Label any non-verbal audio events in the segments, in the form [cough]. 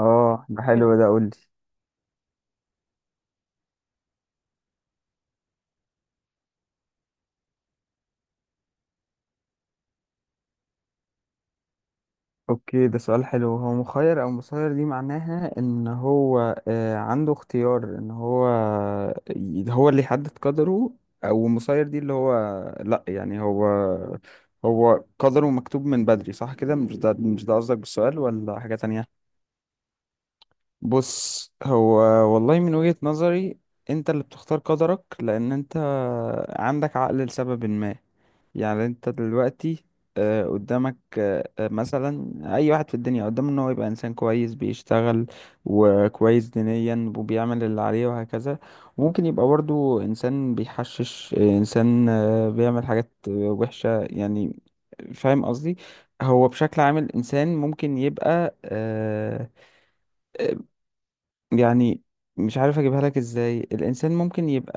اه، ده حلو ده، قولي. اوكي، ده سؤال حلو. هو مخير او مسير، دي معناها ان هو عنده اختيار ان هو هو اللي يحدد قدره، او مسير دي اللي هو، لا يعني هو، هو قدره مكتوب من بدري، صح كده؟ مش ده قصدك بالسؤال ولا حاجة تانية؟ بص، هو والله من وجهة نظري انت اللي بتختار قدرك، لان انت عندك عقل لسبب ما. يعني انت دلوقتي قدامك، مثلا اي واحد في الدنيا قدامه ان هو يبقى انسان كويس، بيشتغل وكويس دينيا وبيعمل اللي عليه وهكذا. وممكن يبقى برضو انسان بيحشش، انسان بيعمل حاجات وحشة يعني. فاهم قصدي؟ هو بشكل عام الانسان ممكن يبقى، يعني مش عارف اجيبها لك ازاي. الانسان ممكن يبقى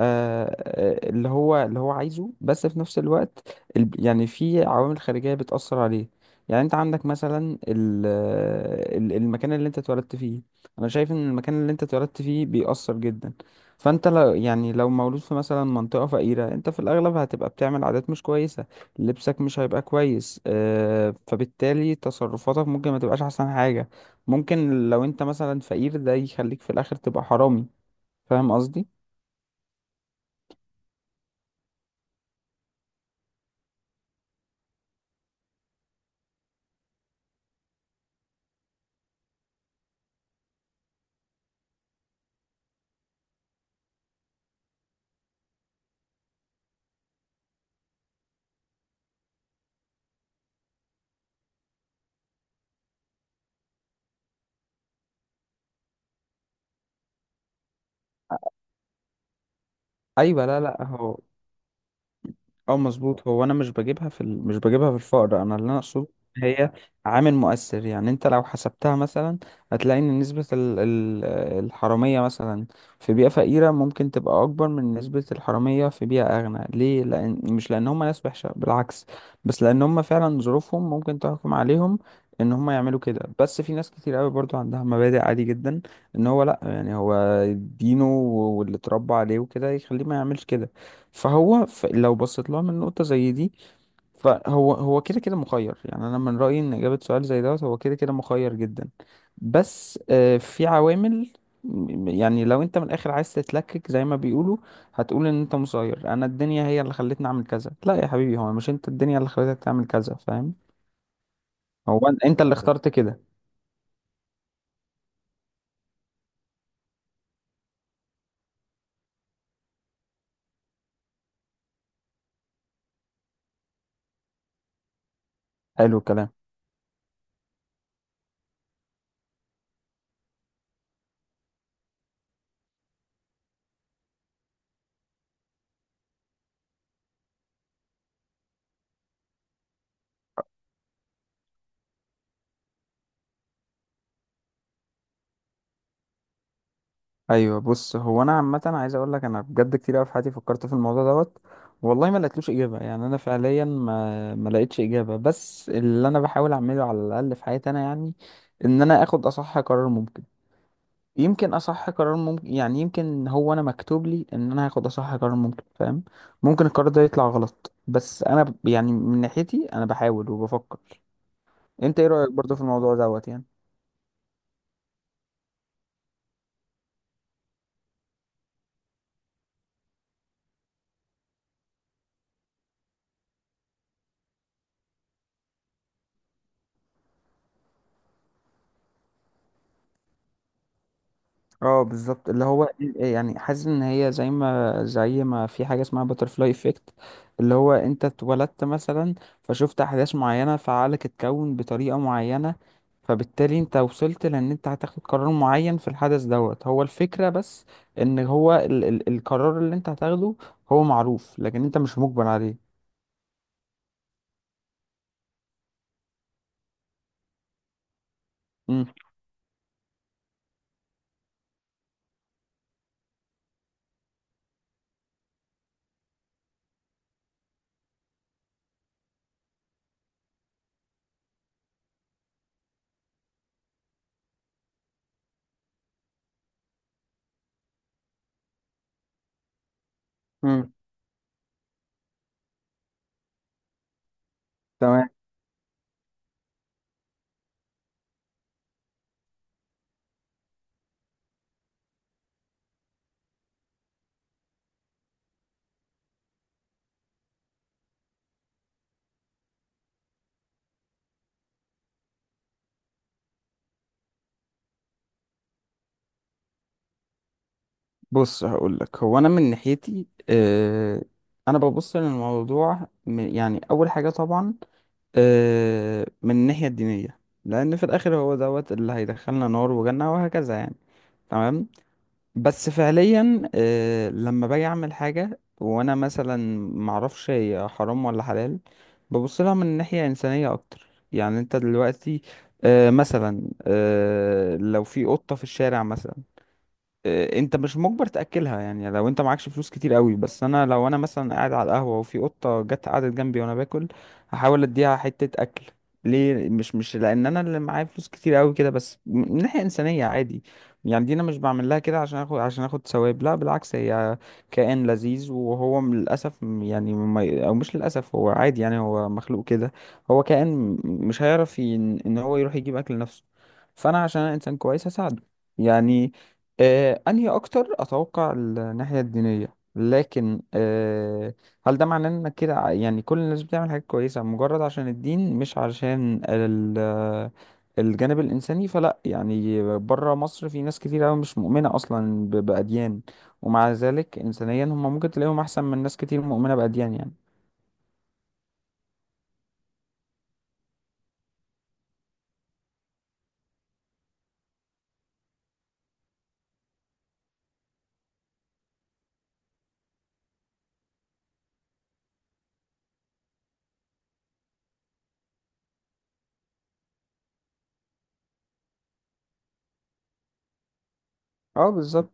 اللي هو، عايزه، بس في نفس الوقت يعني في عوامل خارجية بتأثر عليه. يعني انت عندك مثلا المكان اللي انت اتولدت فيه. انا شايف ان المكان اللي انت اتولدت فيه بيأثر جدا. فانت لو، يعني لو مولود في مثلا منطقة فقيرة، انت في الاغلب هتبقى بتعمل عادات مش كويسة، لبسك مش هيبقى كويس، فبالتالي تصرفاتك ممكن ما تبقاش احسن حاجة. ممكن لو انت مثلا فقير ده يخليك في الاخر تبقى حرامي. فاهم قصدي؟ ايوه، لا لا. هو اه، مظبوط. هو انا مش بجيبها في الفقر. انا اللي انا اقصده إن هي عامل مؤثر. يعني انت لو حسبتها مثلا هتلاقي ان نسبة الحرامية مثلا في بيئة فقيرة ممكن تبقى اكبر من نسبة الحرامية في بيئة اغنى. ليه؟ لان، مش لان هم ناس وحشة، بالعكس، بس لان هم فعلا ظروفهم ممكن تحكم عليهم ان هم يعملوا كده. بس في ناس كتير قوي برضو عندها مبادئ، عادي جدا ان هو، لا يعني هو دينه واللي اتربى عليه وكده يخليه ما يعملش كده. فهو لو بصيت لها من نقطة زي دي، فهو هو كده كده مخير. يعني أنا من رأيي إن إجابة سؤال زي دوت، هو كده كده مخير جدا. بس في عوامل، يعني لو أنت من الآخر عايز تتلكك زي ما بيقولوا، هتقول إن أنت مسير، أنا الدنيا هي اللي خلتني أعمل كذا. لا يا حبيبي، هو مش أنت، الدنيا اللي خلتك تعمل كذا، فاهم؟ هو أنت اللي اخترت كده. حلو الكلام. ايوه، بص، هو انا عامه عايز اقول لك انا بجد كتير قوي في حياتي فكرت في الموضوع دوت. والله ما لقيتلوش اجابه، يعني انا فعليا ما لقيتش اجابه. بس اللي انا بحاول اعمله على الاقل في حياتي انا، يعني ان انا اخد اصح قرار ممكن. يمكن اصح قرار ممكن، يعني يمكن هو انا مكتوب لي ان انا هاخد اصح قرار ممكن، فاهم؟ ممكن القرار ده يطلع غلط، بس انا يعني من ناحيتي انا بحاول وبفكر. انت ايه رايك برضه في الموضوع دوت يعني؟ اه بالظبط، اللي هو يعني حاسس ان هي زي ما، في حاجه اسمها باترفلاي افكت. اللي هو انت اتولدت مثلا، فشفت احداث معينه، فعقلك اتكون بطريقه معينه، فبالتالي انت وصلت لان انت هتاخد قرار معين في الحدث دوت. هو الفكره بس ان هو ال ال القرار اللي انت هتاخده، هو معروف لكن انت مش مجبر عليه. امم. امم. تمام. بص، هقول لك، هو انا من ناحيتي انا ببص للموضوع، يعني اول حاجه طبعا من الناحية الدينية، لأن في الآخر هو دوت اللي هيدخلنا نار وجنة وهكذا يعني. تمام. بس فعليا لما باجي أعمل حاجة وأنا مثلا معرفش هي حرام ولا حلال، ببص لها من ناحية إنسانية أكتر. يعني أنت دلوقتي مثلا لو في قطة في الشارع مثلا، انت مش مجبر تاكلها، يعني لو انت معكش فلوس كتير قوي. بس انا لو انا مثلا قاعد على القهوه وفي قطه جت قعدت جنبي وانا باكل، هحاول اديها حته اكل. ليه؟ مش لان انا اللي معايا فلوس كتير قوي كده، بس من ناحيه انسانيه عادي. يعني دي انا مش بعمل لها كده عشان اخد، ثواب. لا بالعكس، هي كائن لذيذ، وهو للاسف، يعني او مش للاسف، هو عادي، يعني هو مخلوق كده. هو كائن م- مش هيعرف ان هو يروح يجيب اكل لنفسه. فانا عشان انا انسان كويس هساعده يعني. انهي اكتر؟ اتوقع الناحيه الدينيه، لكن هل ده معناه انك كده يعني كل الناس بتعمل حاجات كويسه مجرد عشان الدين مش عشان الجانب الانساني؟ فلا، يعني بره مصر في ناس كتير قوي مش مؤمنه اصلا باديان، ومع ذلك انسانيا هم ممكن تلاقيهم احسن من ناس كتير مؤمنه باديان يعني. اه بالظبط.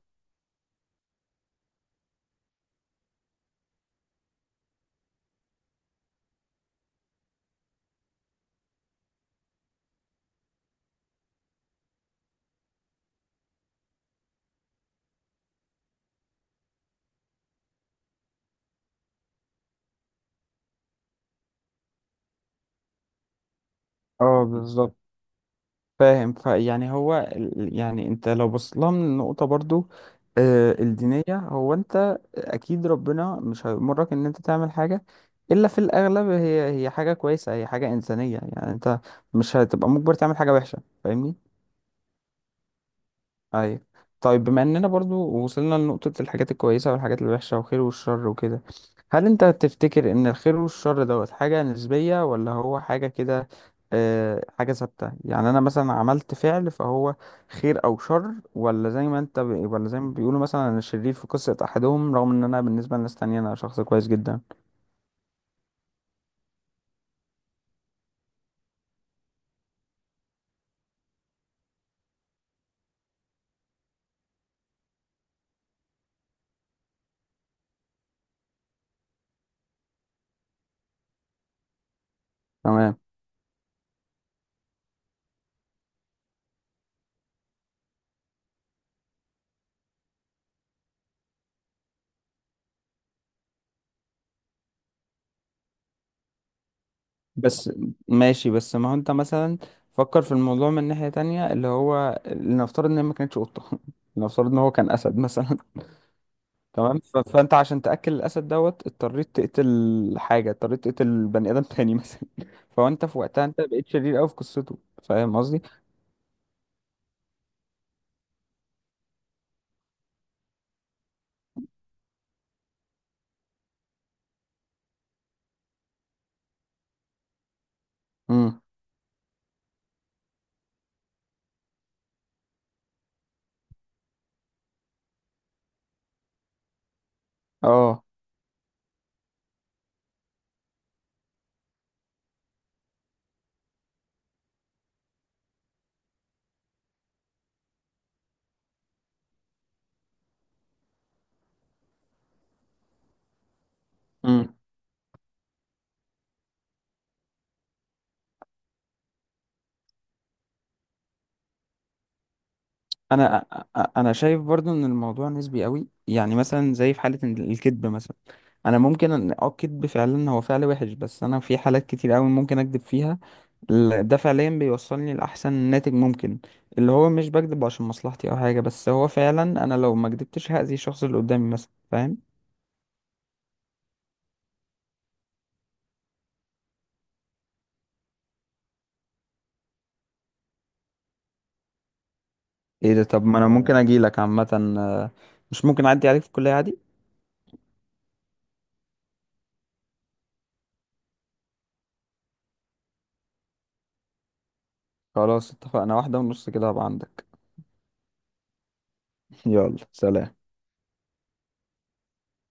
اه بالظبط، فاهم. فيعني هو يعني انت لو بصيت لها من النقطه برضو الدينيه، هو انت اكيد ربنا مش هيأمرك ان انت تعمل حاجة الا في الاغلب هي، حاجة كويسة، هي حاجة انسانية. يعني انت مش هتبقى مجبر تعمل حاجة وحشة، فاهمني؟ ايوه. طيب بما اننا برضو وصلنا لنقطة الحاجات الكويسة والحاجات الوحشة والخير والشر وكده، هل انت تفتكر ان الخير والشر دوت حاجة نسبية، ولا هو حاجة كده، حاجة ثابتة؟ يعني انا مثلا عملت فعل فهو خير او شر؟ ولا زي ما بيقولوا، مثلا انا شرير في قصة احدهم رغم ان انا بالنسبة لناس تانية انا شخص كويس جدا. تمام. بس ماشي، بس ما هو انت مثلا فكر في الموضوع من ناحية تانية، اللي هو لنفترض ان هي ما كانتش قطة [laughs] لنفترض ان هو كان اسد مثلا. تمام. فانت عشان تاكل الاسد دوت اضطريت تقتل حاجه، اضطريت تقتل بني ادم تاني مثلا. [laughs] فانت في وقتها انت بقيت شرير قوي في قصته، فاهم قصدي؟ امم. اه. امم. انا انا شايف برضو ان الموضوع نسبي قوي، يعني مثلا زي في حاله إن الكذب مثلا. انا ممكن ان، الكذب فعلا هو فعل وحش، بس انا في حالات كتير قوي ممكن اكذب فيها، ده فعليا بيوصلني لاحسن ناتج ممكن. اللي هو مش بكذب عشان مصلحتي او حاجه، بس هو فعلا انا لو ما كذبتش هاذي الشخص اللي قدامي مثلا، فاهم؟ ايه ده؟ طب ما انا ممكن اجي لك عامة، آه، مش ممكن اعدي عليك في الكلية عادي؟ خلاص، اتفقنا، 1:30 كده هبقى عندك. [laughs] يلا سلام.